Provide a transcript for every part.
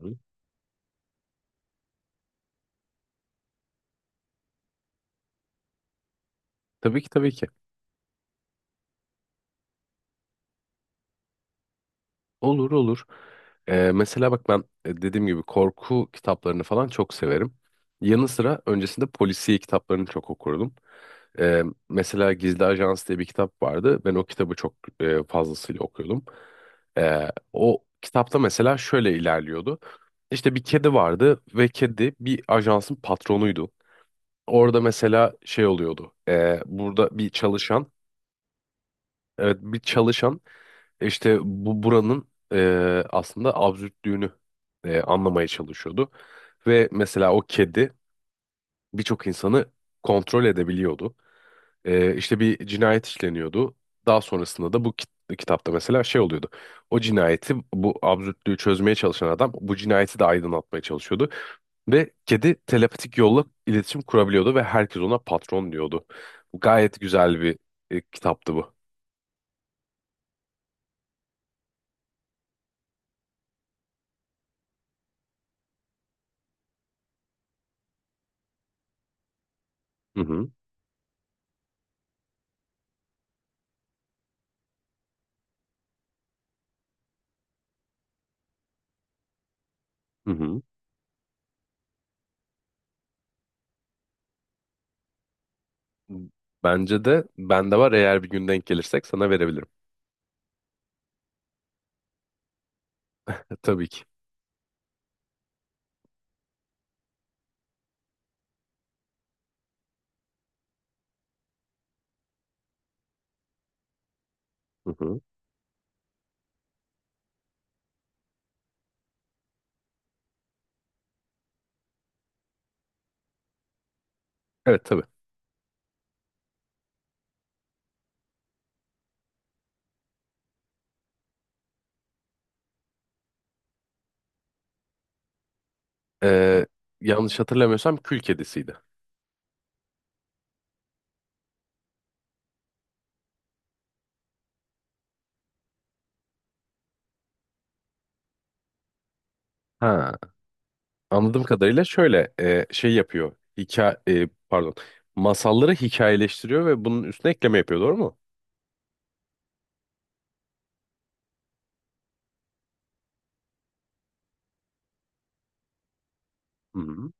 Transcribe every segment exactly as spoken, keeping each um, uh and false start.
Hı. Tabii ki tabii ki. Olur olur. Ee, mesela bak ben e, dediğim gibi korku kitaplarını falan çok severim. Yanı sıra öncesinde polisiye kitaplarını çok okurdum. Ee, Mesela Gizli Ajans diye bir kitap vardı. Ben o kitabı çok e, fazlasıyla okuyordum. Ee, o kitapta mesela şöyle ilerliyordu. İşte bir kedi vardı ve kedi bir ajansın patronuydu. Orada mesela şey oluyordu. E, burada bir çalışan evet bir çalışan işte bu buranın e, aslında absürtlüğünü e, anlamaya çalışıyordu. Ve mesela o kedi birçok insanı kontrol edebiliyordu. E, işte bir cinayet işleniyordu. Daha sonrasında da bu kit- kitapta mesela şey oluyordu. O cinayeti bu absürtlüğü çözmeye çalışan adam bu cinayeti de aydınlatmaya çalışıyordu. Ve kedi telepatik yolla iletişim kurabiliyordu ve herkes ona patron diyordu. Gayet güzel bir e, kitaptı bu. Hı hı. Hı hı. Bence de bende var, eğer bir gün denk gelirsek sana verebilirim. E, Tabii ki. Hı hı. Evet, tabii. Ee, Yanlış hatırlamıyorsam kül kedisiydi. Ha, anladığım kadarıyla şöyle e, şey yapıyor. Hikaye, pardon. Masalları hikayeleştiriyor ve bunun üstüne ekleme yapıyor, doğru mu? Hı hı.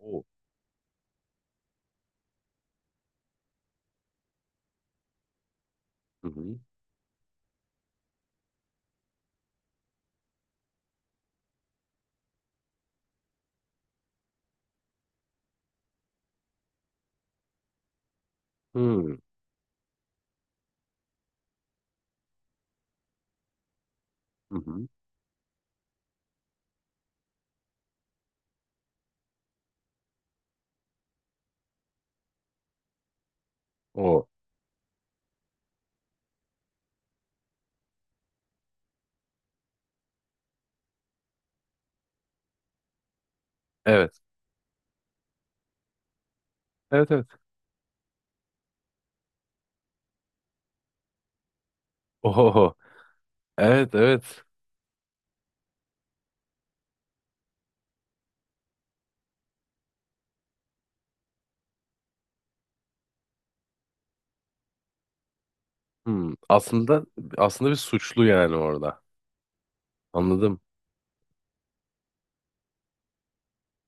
O. Hı hı. Hı hı. hı. O. Evet. Evet, evet. Oho. Evet, evet. Hmm. Aslında aslında bir suçlu yani orada. Anladım.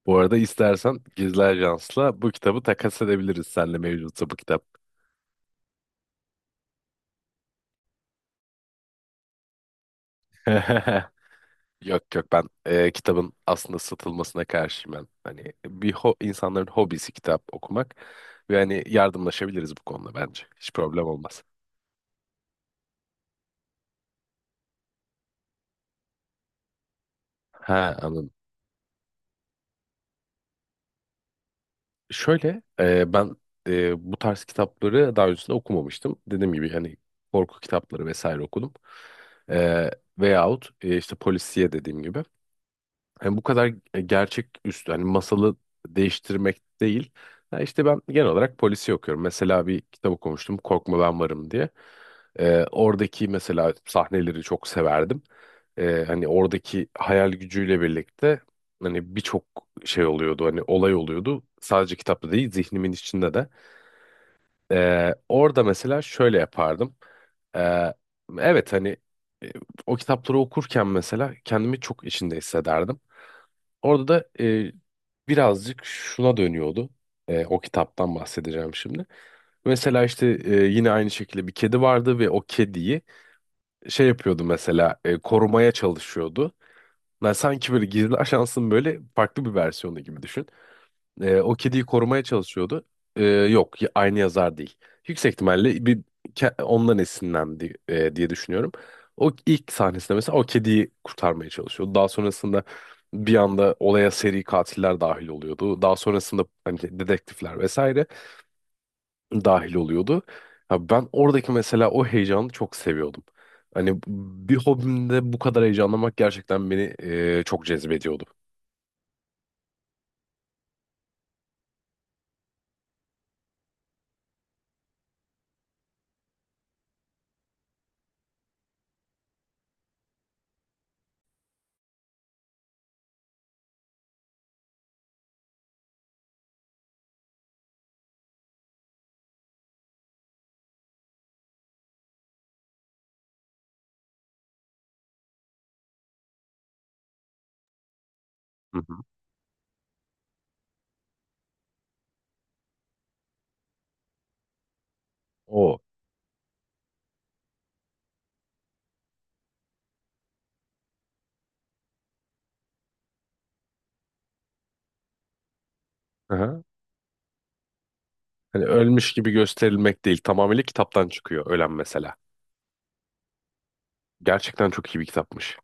Bu arada istersen Gizli Ajans'la bu kitabı takas edebiliriz senle, mevcutsa bu kitap. Yok yok ben e, kitabın aslında satılmasına karşıyım ben. Hani bir ho insanların hobisi kitap okumak ve hani yardımlaşabiliriz bu konuda bence. Hiç problem olmaz. Ha, anladım. Şöyle e, ben e, bu tarz kitapları daha öncesinde okumamıştım. Dediğim gibi hani korku kitapları vesaire okudum. E, Veyahut e, işte polisiye dediğim gibi. Yani bu kadar e, gerçek üstü hani masalı değiştirmek değil. Ha, işte ben genel olarak polisi okuyorum. Mesela bir kitap okumuştum, Korkma Ben Varım diye. Ee, oradaki mesela sahneleri çok severdim. Ee, hani oradaki hayal gücüyle birlikte hani birçok şey oluyordu, hani olay oluyordu. Sadece kitapta değil zihnimin içinde de. Ee, orada mesela şöyle yapardım. Ee, evet hani e, o kitapları okurken mesela kendimi çok içinde hissederdim. Orada da e, birazcık şuna dönüyordu. E, o kitaptan bahsedeceğim şimdi. Mesela işte e, yine aynı şekilde bir kedi vardı ve o kediyi şey yapıyordu mesela, e, korumaya çalışıyordu. Yani sanki böyle gizli ajansın böyle farklı bir versiyonu gibi düşün. Ee, o kediyi korumaya çalışıyordu. Ee, yok, y- aynı yazar değil. Yüksek ihtimalle bir ke- ondan esinlendi e, diye düşünüyorum. O ilk sahnesinde mesela o kediyi kurtarmaya çalışıyordu. Daha sonrasında bir anda olaya seri katiller dahil oluyordu. Daha sonrasında hani dedektifler vesaire dahil oluyordu. Ya ben oradaki mesela o heyecanı çok seviyordum. Hani bir hobimde bu kadar heyecanlamak gerçekten beni e, çok cezbediyordu. Hı hı. O. Hani ölmüş gibi gösterilmek değil. Tamamıyla kitaptan çıkıyor ölen mesela. Gerçekten çok iyi bir kitapmış.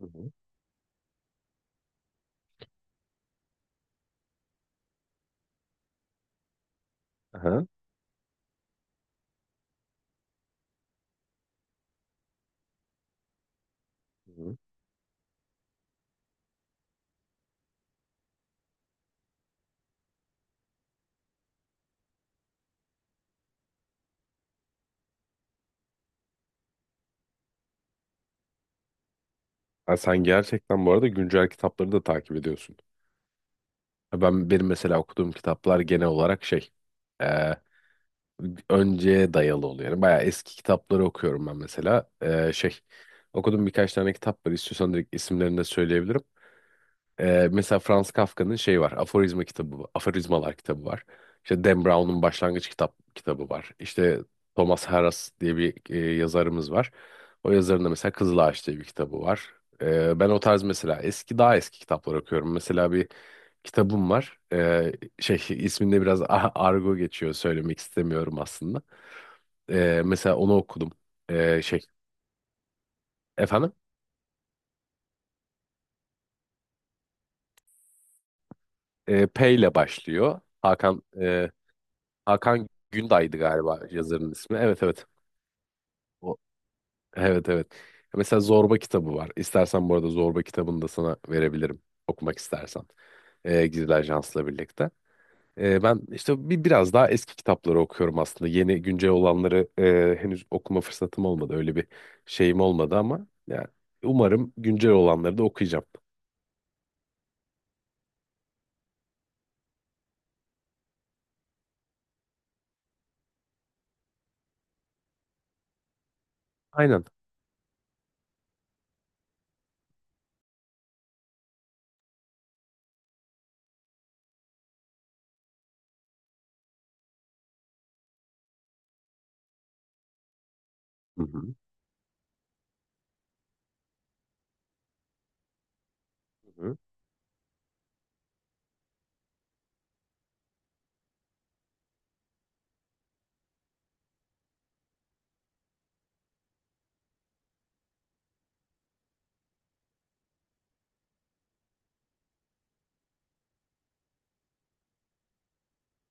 Hı hı. Aha. Hı hı. Ha, sen gerçekten bu arada güncel kitapları da takip ediyorsun. Ha, Ben benim mesela okuduğum kitaplar genel olarak şey e, önceye dayalı oluyor. Yani bayağı eski kitapları okuyorum ben mesela. E, şey, okudum birkaç tane kitap var. İstiyorsan direkt isimlerini de söyleyebilirim. Ee, mesela Franz Kafka'nın şey var. Aforizma kitabı, Aforizmalar kitabı var. İşte Dan Brown'un Başlangıç kitap kitabı var. İşte Thomas Harras diye bir e, yazarımız var. O yazarın da mesela Kızıl Ağaç diye bir kitabı var. Ee, ben o tarz mesela eski daha eski kitaplar okuyorum. Mesela bir kitabım var. Ee, şey isminde biraz a- argo geçiyor, söylemek istemiyorum aslında. Ee, mesela onu okudum. Ee, şey, efendim? Ee, P ile başlıyor. Hakan Hakan Günday'dı galiba yazarın ismi. Evet, evet. O, evet, evet. Mesela Zorba kitabı var. İstersen bu arada Zorba kitabını da sana verebilirim, okumak istersen. Ee, Gizli Ajans'la birlikte. Ee, ben işte bir biraz daha eski kitapları okuyorum aslında. Yeni güncel olanları e, henüz okuma fırsatım olmadı. Öyle bir şeyim olmadı ama yani umarım güncel olanları da okuyacağım. Aynen. Hı hı. Hı hı.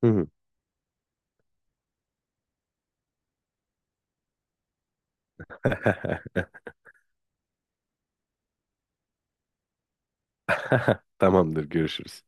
Hı hı. Tamamdır, görüşürüz.